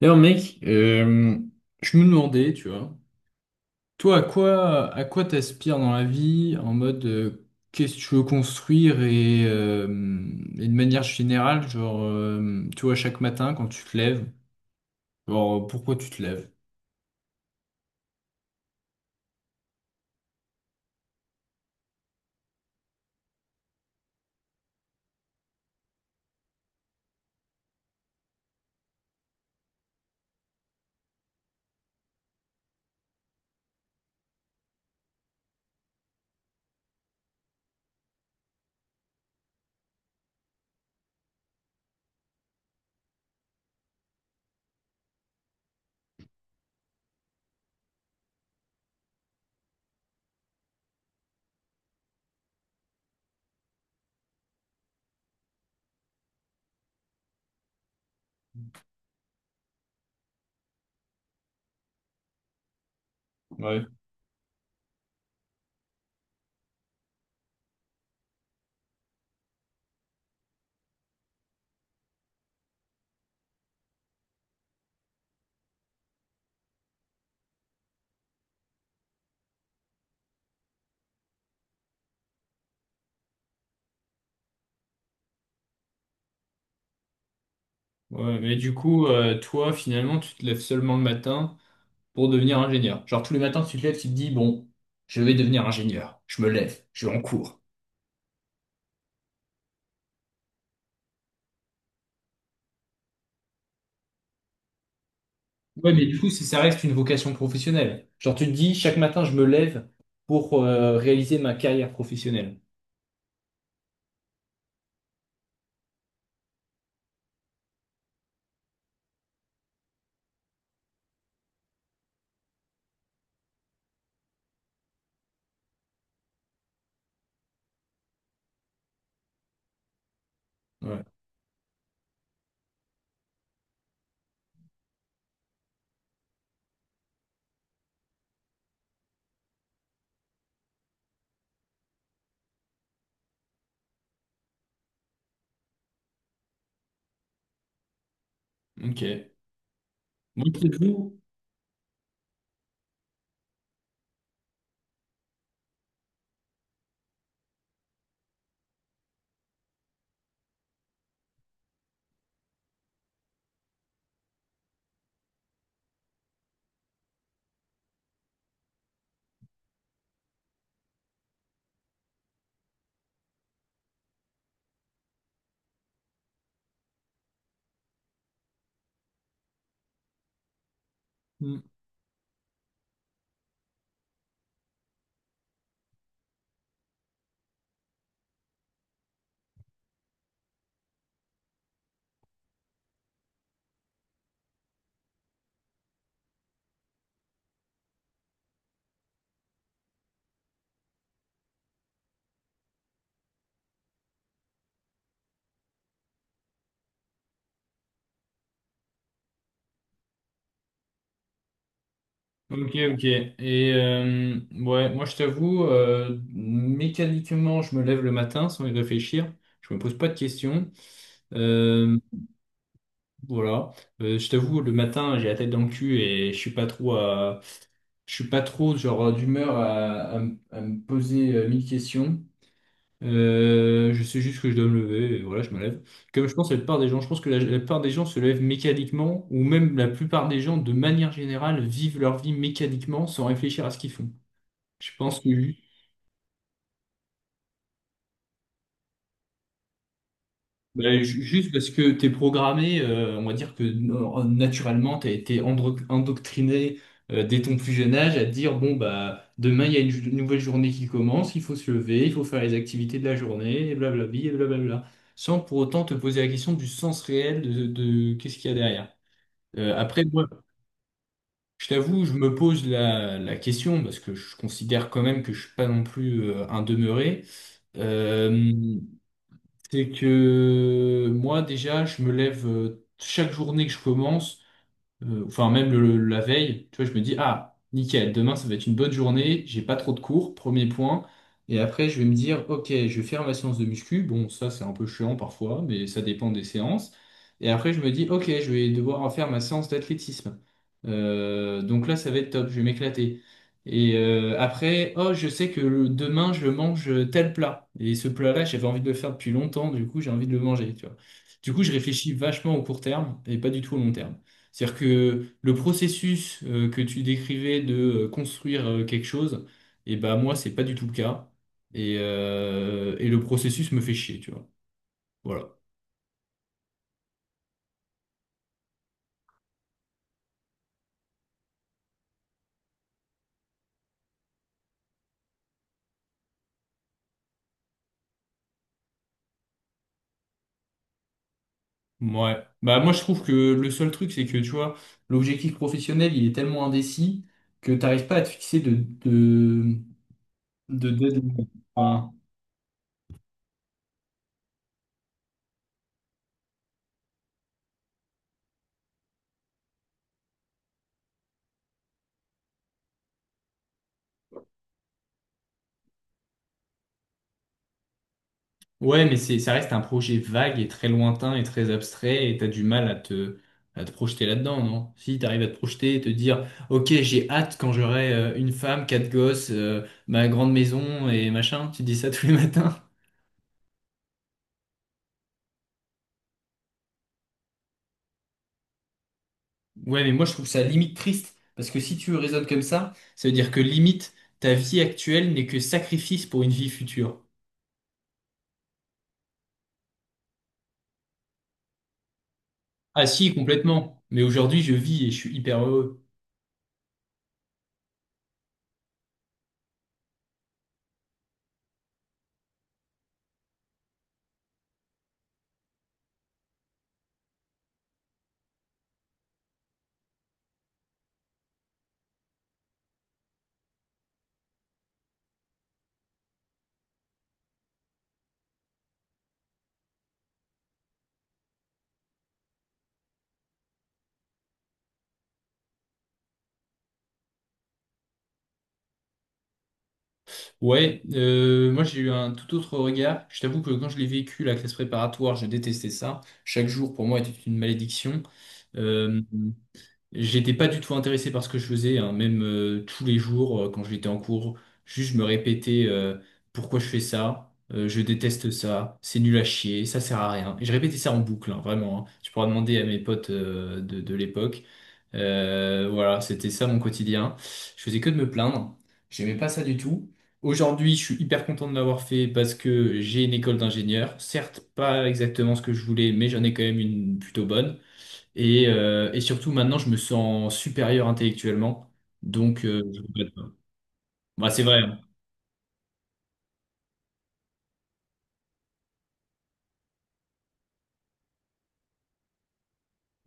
D'ailleurs, mec, je me demandais, tu vois, toi, à quoi t'aspires dans la vie en mode qu'est-ce que tu veux construire et et de manière générale, genre, tu vois, chaque matin quand tu te lèves, genre, pourquoi tu te lèves? Ouais. Ouais, mais du coup, toi, finalement, tu te lèves seulement le matin pour devenir ingénieur. Genre, tous les matins, tu te lèves, tu te dis, bon, je vais devenir ingénieur, je me lève, je vais en cours. Ouais, mais du coup, ça reste une vocation professionnelle. Genre, tu te dis, chaque matin, je me lève pour réaliser ma carrière professionnelle. Ouais, ok. Moi, je t'avoue. Mm. Ok, ok. Et ouais, moi, je t'avoue, mécaniquement, je me lève le matin sans y réfléchir. Je me pose pas de questions. Euh, voilà. Je t'avoue, le matin, j'ai la tête dans le cul et je suis pas trop je suis pas trop genre d'humeur à me poser mille questions. Je sais juste que je dois me lever et voilà, je me lève. Comme je pense à la plupart des gens, je pense que la plupart des gens se lèvent mécaniquement ou même la plupart des gens, de manière générale, vivent leur vie mécaniquement sans réfléchir à ce qu'ils font. Je pense que Ben, juste parce que t'es programmé, on va dire que naturellement, t'as été endoctriné dès ton plus jeune âge à te dire, bon, bah, demain, il y a une nouvelle journée qui commence, il faut se lever, il faut faire les activités de la journée, et blablabli, et blablabla, sans pour autant te poser la question du sens réel de qu'est-ce qu'il y a derrière. Après, moi, je t'avoue, je me pose la, la question, parce que je considère quand même que je suis pas non plus un demeuré. Euh, c'est que moi, déjà, je me lève chaque journée que je commence, enfin même la veille, tu vois, je me dis, ah, nickel, demain ça va être une bonne journée, j'ai pas trop de cours, premier point. Et après, je vais me dire, ok, je vais faire ma séance de muscu. Bon, ça, c'est un peu chiant parfois, mais ça dépend des séances. Et après, je me dis, ok, je vais devoir faire ma séance d'athlétisme. Donc là, ça va être top, je vais m'éclater. Et après, oh, je sais que demain, je mange tel plat. Et ce plat-là, j'avais envie de le faire depuis longtemps, du coup, j'ai envie de le manger, tu vois. Du coup, je réfléchis vachement au court terme et pas du tout au long terme. C'est-à-dire que le processus que tu décrivais de construire quelque chose, et ben moi, c'est pas du tout le cas. Et et le processus me fait chier, tu vois. Voilà. Ouais. Bah moi, je trouve que le seul truc, c'est que, tu vois, l'objectif professionnel, il est tellement indécis que t'arrives pas à te fixer de, de deadline. Enfin, ouais, mais c'est, ça reste un projet vague et très lointain et très abstrait et t'as du mal à te projeter là-dedans, non? Si t'arrives à te projeter et te dire, ok, j'ai hâte quand j'aurai une femme, quatre gosses, ma grande maison et machin, tu dis ça tous les matins. Ouais, mais moi je trouve ça limite triste parce que si tu raisonnes comme ça veut dire que limite ta vie actuelle n'est que sacrifice pour une vie future. Ah si, complètement. Mais aujourd'hui je vis et je suis hyper heureux. Ouais, moi j'ai eu un tout autre regard. Je t'avoue que quand je l'ai vécu, la classe préparatoire, je détestais ça. Chaque jour pour moi était une malédiction. Euh, j'étais pas du tout intéressé par ce que je faisais, hein. Même tous les jours quand j'étais en cours, juste je me répétais pourquoi je fais ça, je déteste ça, c'est nul à chier, ça sert à rien. Et je répétais ça en boucle, hein, vraiment. Hein. Tu pourras demander à mes potes de l'époque. Voilà, c'était ça mon quotidien. Je faisais que de me plaindre. J'aimais pas ça du tout. Aujourd'hui, je suis hyper content de l'avoir fait parce que j'ai une école d'ingénieur. Certes, pas exactement ce que je voulais, mais j'en ai quand même une plutôt bonne. Et et surtout, maintenant, je me sens supérieur intellectuellement. Donc, je regrette pas. Bah, c'est vrai. Hein.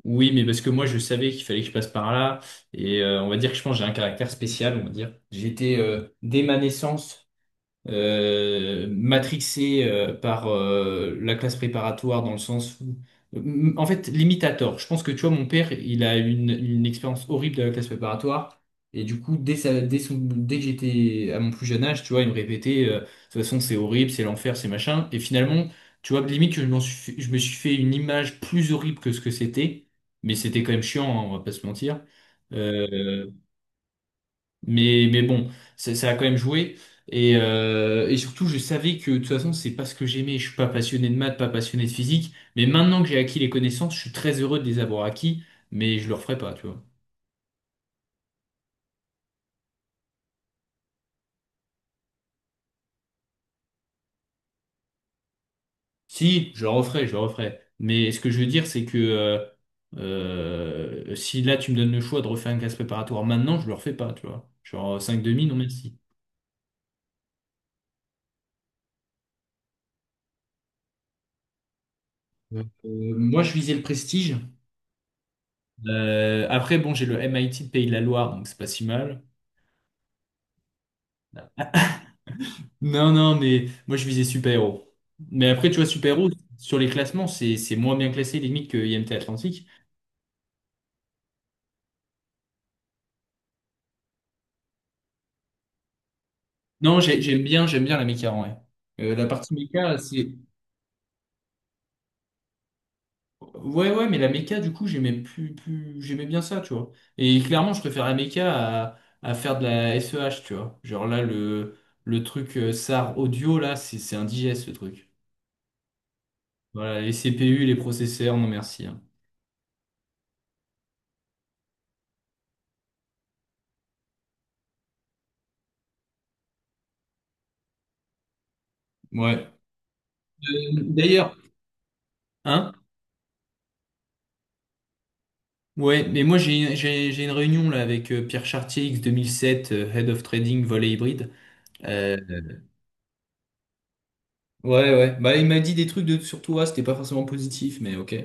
Oui, mais parce que moi, je savais qu'il fallait que je passe par là. Et on va dire que je pense que j'ai un caractère spécial, on va dire. J'étais, dès ma naissance, matrixé par la classe préparatoire dans le sens où... M- En fait, limite à tort. Je pense que tu vois, mon père, il a une expérience horrible de la classe préparatoire. Et du coup, dès, sa- dès, son- dès que j'étais à mon plus jeune âge, tu vois, il me répétait, de toute façon, c'est horrible, c'est l'enfer, c'est machin. Et finalement, tu vois, limite, je me suis fait une image plus horrible que ce que c'était. Mais c'était quand même chiant, hein, on va pas se mentir. Euh, mais bon, ça a quand même joué. Et et surtout, je savais que de toute façon, c'est pas ce que j'aimais. Je suis pas passionné de maths, pas passionné de physique. Mais maintenant que j'ai acquis les connaissances, je suis très heureux de les avoir acquis, mais je le referai pas, tu vois. Si, je le referai, je le referai. Mais ce que je veux dire, c'est que si là, tu me donnes le choix de refaire un classe préparatoire maintenant, je le refais pas, tu vois. Genre 5 demi, non merci. Euh, moi, je visais le prestige. Après, bon, j'ai le MIT de Pays de la Loire, donc c'est pas si mal. Non, non, mais moi je visais super-héros. Mais après, tu vois, super-héros, sur les classements, c'est moins bien classé limite que IMT Atlantique. Non, j'aime bien la méca en vrai. La partie méca, c'est. Ouais, ouais, mais la méca, du coup, j'aimais plus, plus... j'aimais bien ça, tu vois. Et clairement, je préfère la méca à, à faire de la SEH, tu vois. Genre là, le truc SAR audio, là, c'est indigeste, ce truc. Voilà, les CPU, les processeurs, non merci. Hein. Ouais. D'ailleurs, hein? Ouais, mais moi j'ai j'ai une réunion là avec Pierre Chartier X 2007, Head of Trading Volet Hybride. Euh, ouais, ouais. Bah il m'a dit des trucs de sur toi, c'était pas forcément positif, mais ok.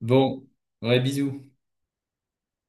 Bon, ouais, bisous.